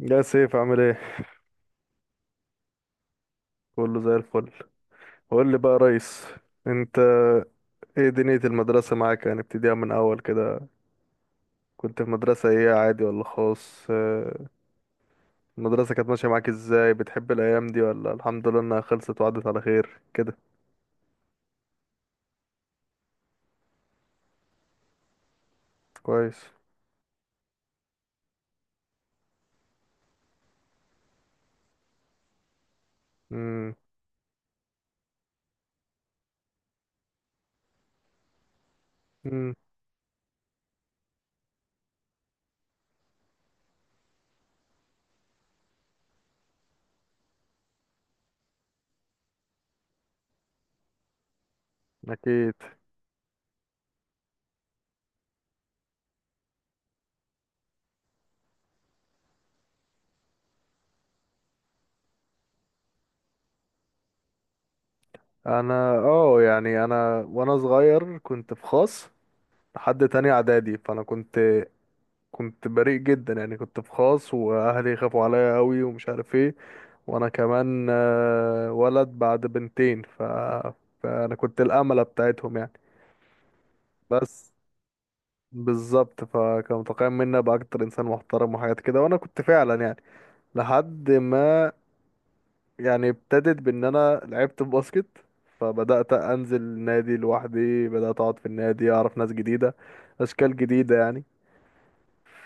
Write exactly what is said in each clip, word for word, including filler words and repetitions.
يا سيف عامل ايه؟ كله زي الفل. قول لي بقى يا ريس، انت ايه دنيا المدرسة معاك؟ يعني ابتديها من اول كده، كنت في مدرسة ايه، عادي ولا خاص؟ آه، المدرسة كانت ماشية معاك ازاي؟ بتحب الايام دي ولا الحمد لله انها خلصت وعدت على خير كده؟ كويس. امم. امم. اكيد. انا اه يعني انا وانا صغير كنت في خاص لحد تاني اعدادي، فانا كنت كنت بريء جدا يعني، كنت في خاص واهلي خافوا عليا قوي ومش عارف ايه. وانا كمان آه، ولد بعد بنتين ف... فانا كنت الامله بتاعتهم يعني. بس بالظبط، فكان متوقع مني ابقى اكتر انسان محترم وحاجات كده، وانا كنت فعلا يعني لحد ما، يعني ابتدت بان انا لعبت باسكت، فبدات انزل النادي لوحدي، بدات اقعد في النادي اعرف ناس جديده، اشكال جديده يعني.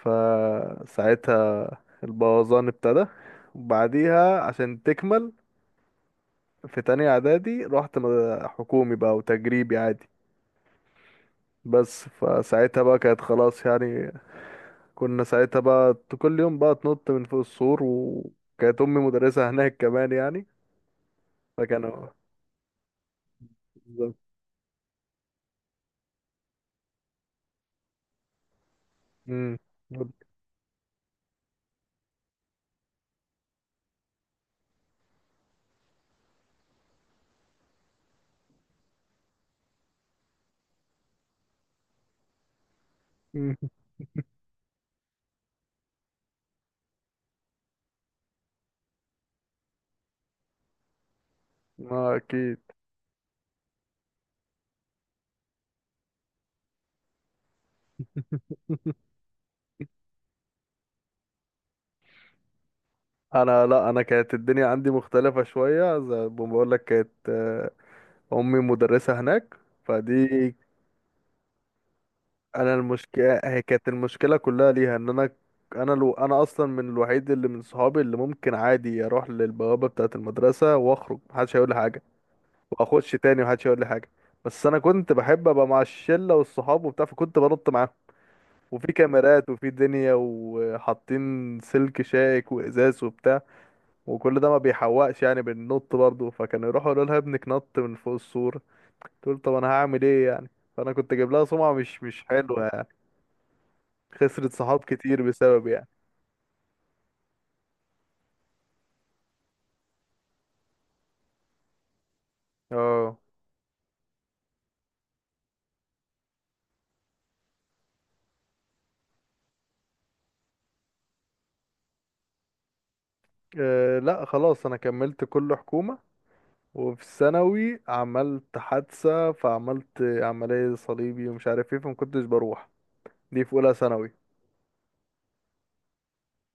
فساعتها البوظان ابتدى، وبعديها عشان تكمل في تانية اعدادي رحت م- حكومي بقى وتجريبي عادي بس. فساعتها بقى كانت خلاص يعني، كنا ساعتها بقى ت- كل يوم بقى تنط من فوق السور، وكانت امي مدرسة هناك كمان يعني. فكانوا بالظبط. مم. مم. ما اكيد. انا لا انا كانت الدنيا عندي مختلفة شوية، زي ما بقول لك، كانت آه، امي مدرسة هناك فدي. انا المشكله هي كانت المشكله كلها ليها ان انا، انا لو انا اصلا من الوحيد اللي من صحابي اللي ممكن عادي اروح للبوابه بتاعه المدرسه واخرج، محدش هيقول لي حاجه، واخش تاني محدش هيقول لي حاجه. بس انا كنت بحب ابقى مع الشله والصحاب وبتاع، فكنت بنط معاهم. وفي كاميرات وفي دنيا وحاطين سلك شائك وازاز وبتاع، وكل ده ما بيحوقش يعني، بننط برضه. فكانوا يروحوا يقولوا لها ابنك نط من فوق السور، تقول طب انا هعمل ايه يعني. فانا كنت جايب لها سمعه مش مش حلوه، خسرت صحاب كتير بسبب يعني. اه. أه لا خلاص، انا كملت كله حكومة. وفي الثانوي عملت حادثة، فعملت عملية صليبي ومش عارف ايه، فما كنتش بروح. دي في اولى ثانوي.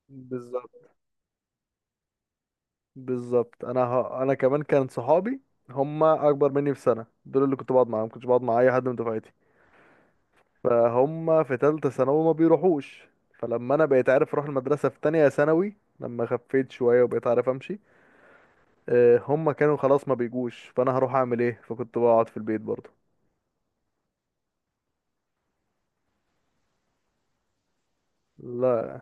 بالظبط، بالظبط. انا ه... انا كمان كان صحابي هم اكبر مني بسنة، دول اللي كنت بقعد معاهم، كنتش بقعد مع اي حد من دفعتي. فهم في تالتة ثانوي ما بيروحوش، فلما انا بقيت عارف اروح المدرسة في تانية ثانوي لما خفيت شوية وبقيت عارف امشي، آه، هم كانوا خلاص ما بيجوش، فانا هروح اعمل ايه؟ فكنت بقعد في البيت برضه. لا.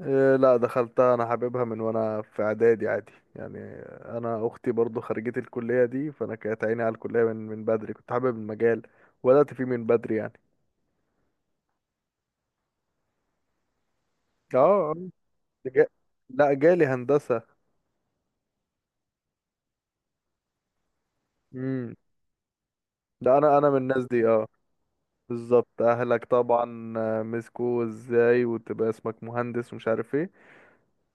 آه، لا، دخلتها انا حاببها من وانا في اعدادي عادي يعني. انا اختي برضه خريجة الكلية دي، فانا كانت عيني على الكلية من من بدري، كنت حابب المجال وبدأت فيه من بدري يعني. اه. آه. جا- لا جالي هندسة. امم. لا، انا انا من الناس دي اه. بالظبط، اهلك طبعا آه، مسكوا، ازاي وتبقى اسمك مهندس ومش عارف ايه.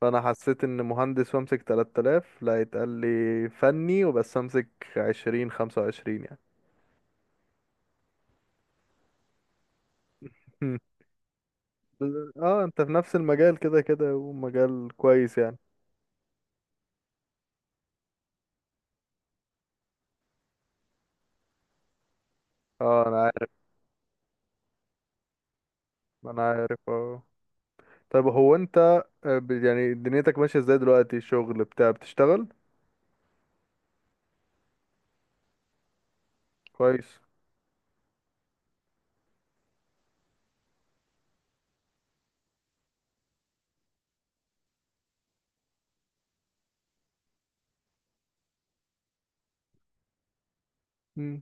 فانا حسيت ان مهندس وامسك تلات آلاف لا، يتقال لي فني وبس امسك عشرين خمسة وعشرين يعني. مم. بس- اه انت في نفس المجال كده كده، ومجال كويس يعني. اه انا عارف. انا عارف اه. طب هو انت آه، ب- يعني دنيتك ماشية ازاي دلوقتي، شغل بتاع بتشتغل؟ كويس. مم.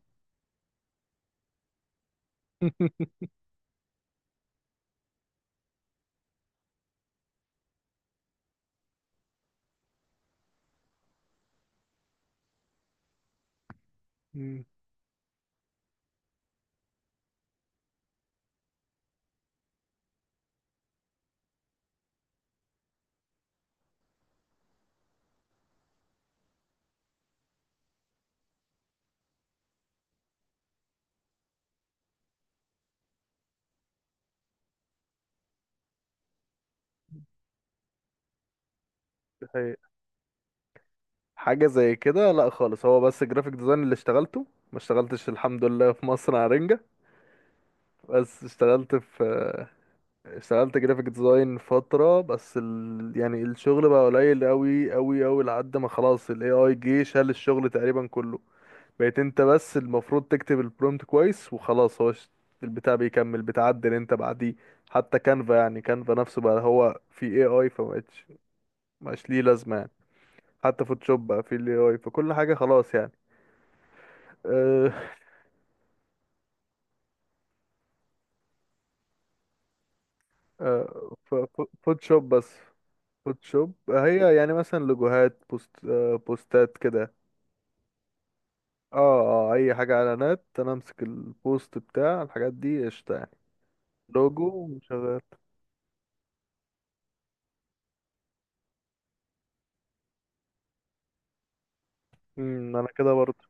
مم. دي حقيقة. حاجة زي كده لا خالص، هو بس جرافيك ديزاين اللي اشتغلته، ما اشتغلتش الحمد لله في مصر على رنجة، بس اشتغلت في، اشتغلت جرافيك ديزاين فترة بس. ال... يعني الشغل بقى قليل قوي قوي قوي لحد ما خلاص ال إيه آي جه شال الشغل تقريبا كله، بقيت انت بس المفروض تكتب البرومت كويس وخلاص، هو ش- البتاع بيكمل، بتعدل انت بعديه. حتى كانفا، يعني كانفا نفسه بقى هو في إيه آي، فمبقتش، مبقاش ليه لازمة يعني. حتى فوتوشوب بقى في ال إيه آي، فكل حاجة خلاص يعني. أه. أه ف- ف- فوتوشوب بس. فوتوشوب هي يعني مثلا لوجوهات، بوست أه بوستات كده. اه اه، اي حاجة اعلانات انا امسك، البوست بتاع الحاجات دي قشطة يعني. لوجو، وشغال. امم، انا كده برضه.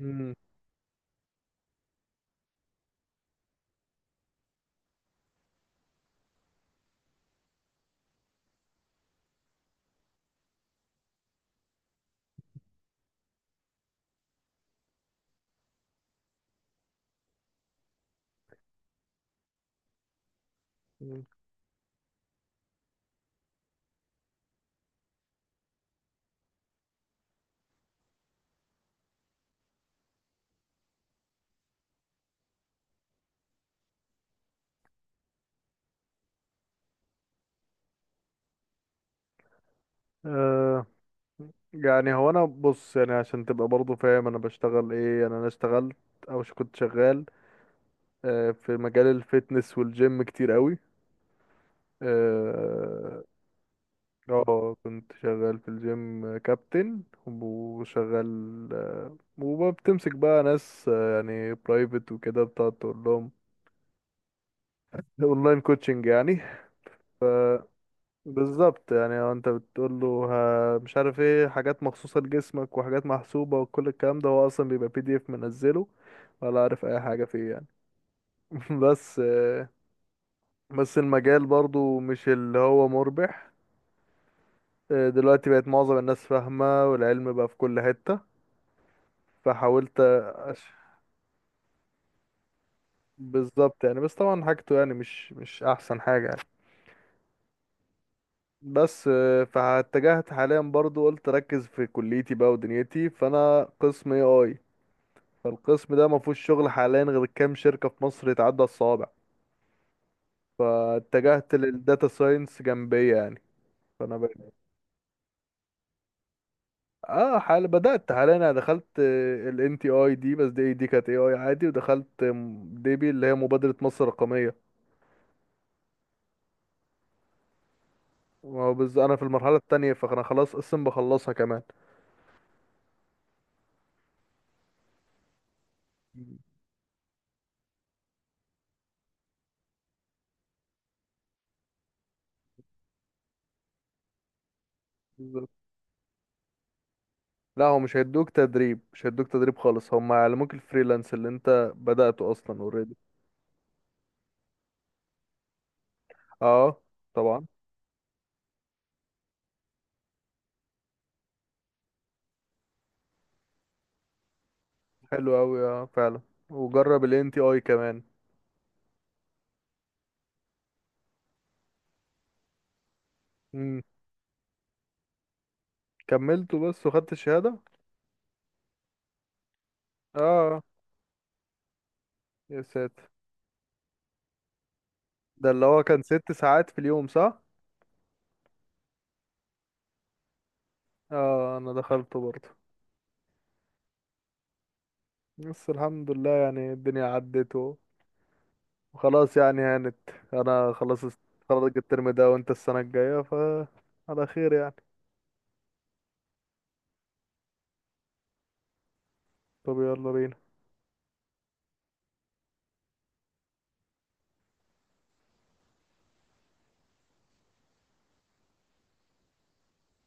امم. أمم. آه يعني هو انا بص، يعني عشان تبقى برضه فاهم انا بشتغل ايه، يعني انا اشتغلت، او ش- كنت شغال آه في مجال الفيتنس والجيم كتير قوي. اه. آه، كنت شغال في الجيم كابتن، وشغال آه، وبتمسك بقى ناس آه يعني، برايفت وكده بتقعد تقول لهم، اونلاين كوتشنج يعني. بالظبط، يعني هو انت بتقول له، ها- مش عارف ايه، حاجات مخصوصة لجسمك وحاجات محسوبة، وكل الكلام ده هو اصلا بيبقى بي دي اف منزله ولا عارف اي حاجة فيه يعني. بس آه، بس المجال برضو مش اللي هو مربح، آه، دلوقتي بقت معظم الناس فاهمة، والعلم بقى في كل حتة، فحاولت أش... بالظبط يعني. بس طبعا حاجته يعني، مش مش احسن حاجة يعني. بس آه، فاتجهت حاليا برضو، قلت ركز في كليتي بقى ودنيتي، فانا قسم اي اي. فالقسم ده ما فيهوش شغل حاليا غير كام شركة في مصر، يتعدى الصوابع. فاتجهت للداتا ساينس جنبية يعني. فانا بقيت اه حال، بدأت حاليا، انا دخلت ال إن تي اي دي، بس دي دي كانت اي اي عادي، ودخلت ديبي اللي هي مبادرة مصر الرقمية. بس انا في المرحلة التانية، فانا خلاص قسم بخلصها كمان. بالظبط. لا هو مش هيدوك تدريب، مش هيدوك تدريب خالص، هم هيعلموك الفريلانس اللي انت بدأته اصلا اوريدي. اه. طبعا. حلو اوي، اه فعلا. وجرب ال إن تي اي كمان. كملته بس وخدت الشهادة. اه. يا ساتر. ده اللي هو كان ست ساعات في اليوم صح؟ اه انا دخلته برضه. بس الحمد لله يعني الدنيا عدت و، وخلاص يعني هانت. انا خلاص است- خلاص الترم ده وانت السنة الجاية، ف على خير يعني. طب يلا بينا.